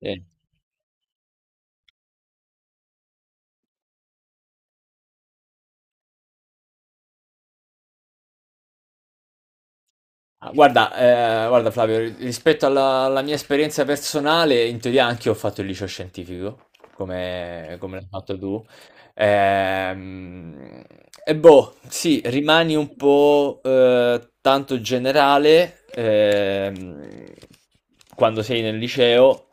Sì. Ah, guarda, guarda Flavio, rispetto alla mia esperienza personale, in teoria anche io ho fatto il liceo scientifico, come l'hai fatto tu. Ehm, e boh, sì, rimani un po' tanto generale quando sei nel liceo,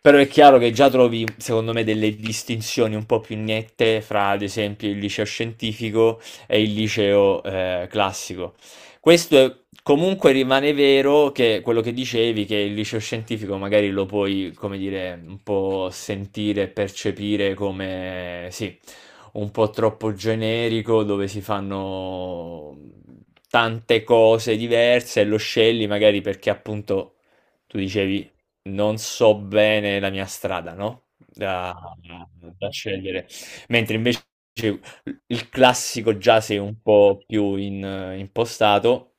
però è chiaro che già trovi, secondo me, delle distinzioni un po' più nette fra, ad esempio, il liceo scientifico e il liceo classico. Questo è- Comunque rimane vero che quello che dicevi, che il liceo scientifico magari lo puoi, come dire, un po' sentire, percepire come, sì, un po' troppo generico, dove si fanno tante cose diverse e lo scegli magari perché appunto tu dicevi non so bene la mia strada, no? da da scegliere. Mentre invece il classico giace un po' più impostato,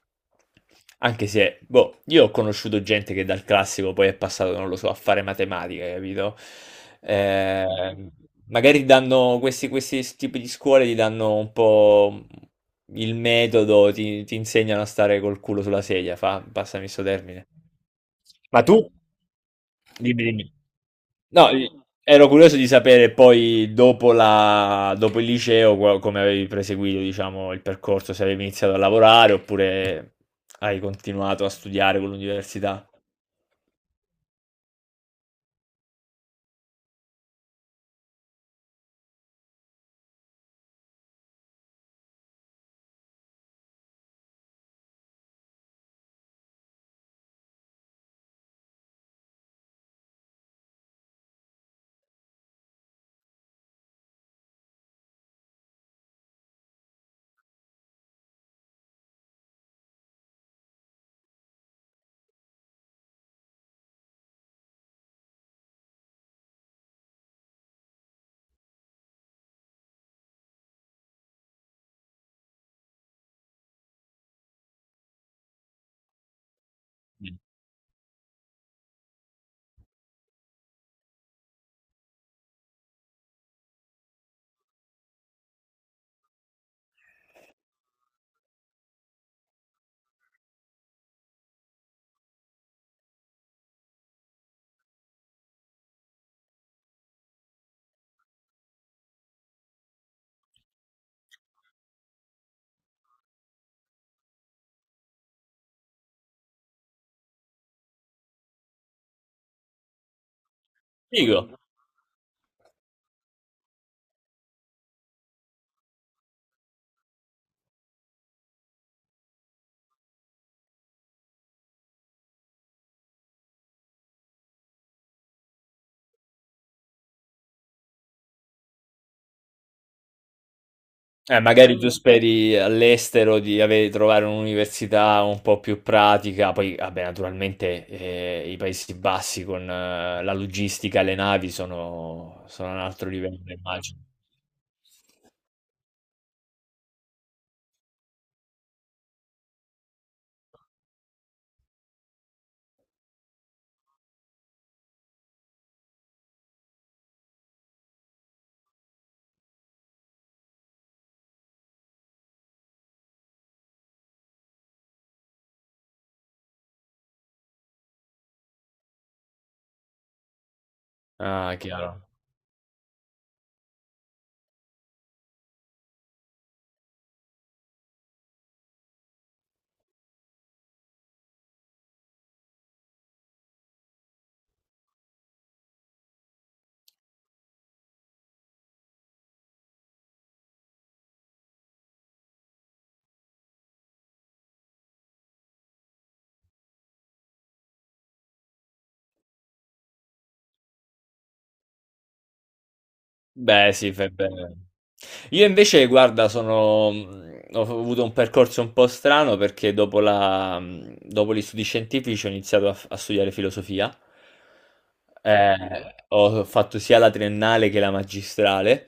anche se, boh, io ho conosciuto gente che dal classico poi è passato, non lo so, a fare matematica, capito? Eh, magari danno questi tipi di scuole, ti danno un po' il metodo, ti insegnano a stare col culo sulla sedia, fa, passami sto termine. Ma tu? Dimmi, dimmi. No, i- Ero curioso di sapere poi dopo dopo il liceo come avevi proseguito, diciamo, il percorso, se avevi iniziato a lavorare oppure hai continuato a studiare con l'università. Figo. Magari tu speri all'estero di avere, trovare un'università un po' più pratica, poi vabbè, naturalmente i Paesi Bassi con la logistica e le navi sono, sono un altro livello, immagino. Ah, chiaro. Beh, sì, fai bene. Io invece, guarda, ho avuto un percorso un po' strano perché dopo dopo gli studi scientifici ho iniziato a studiare filosofia. Ho fatto sia la triennale che la magistrale.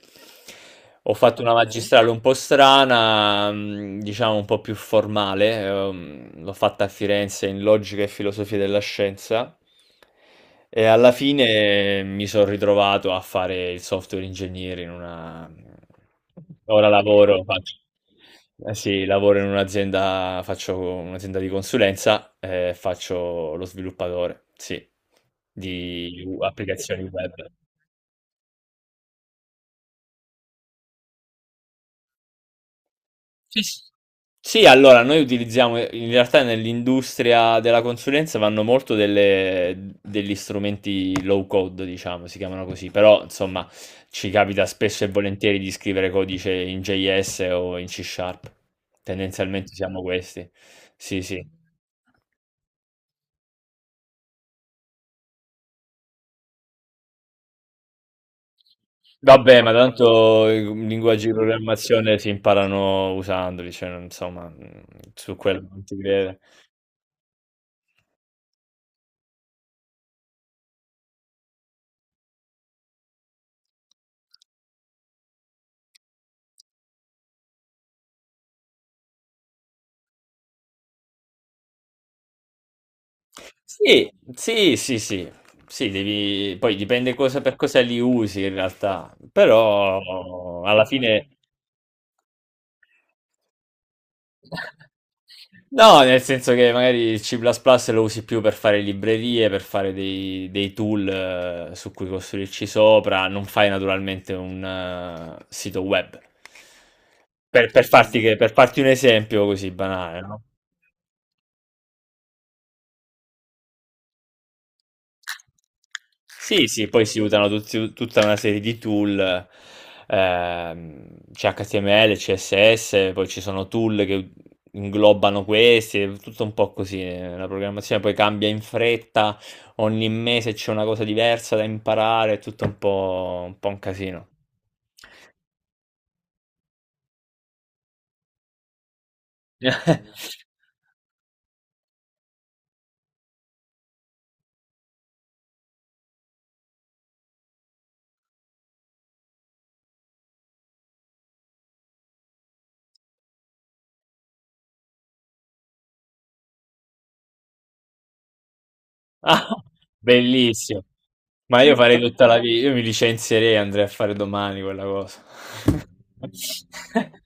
Ho fatto una ok magistrale un po' strana, diciamo un po' più formale. L'ho fatta a Firenze in logica e filosofia della scienza. E alla fine mi son ritrovato a fare il software engineer in una ora lavoro, faccio eh sì, lavoro in un'azienda faccio un'azienda di consulenza e faccio lo sviluppatore, sì, di u applicazioni web. Sì, s Sì, allora noi utilizziamo in realtà nell'industria della consulenza vanno molto degli strumenti low code, diciamo, si chiamano così, però insomma ci capita spesso e volentieri di scrivere codice in JS o in C Sharp. Tendenzialmente siamo questi. Sì, sì. Vabbè, ma tanto i linguaggi di programmazione si imparano usandoli, cioè insomma, su quello non ti crede. Sì, sì, sì, sì, sì, devi... poi dipende cosa per cosa li usi in realtà, però alla fine... No, nel senso che magari il C++ lo usi più per fare librerie, per fare dei tool su cui costruirci sopra, non fai naturalmente un sito web. Per farti, per farti un esempio così banale, no? Sì, sì, poi si usano tutta una serie di tool, c'è HTML, CSS, poi ci sono tool che inglobano questi, è tutto un po' così, la programmazione poi cambia in fretta, ogni mese c'è una cosa diversa da imparare, è tutto un po', un po' un casino. Ah, bellissimo. Ma io farei tutta la vita, io mi licenzierei e andrei a fare domani quella cosa.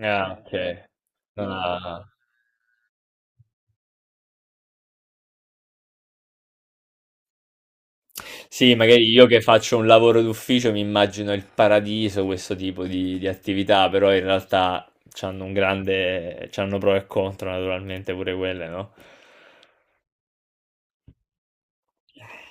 Ah, ok. Ah. Sì, magari io che faccio un lavoro d'ufficio mi immagino il paradiso, questo tipo di attività, però in realtà c'hanno un grande, c'hanno pro e contro naturalmente pure quelle, no?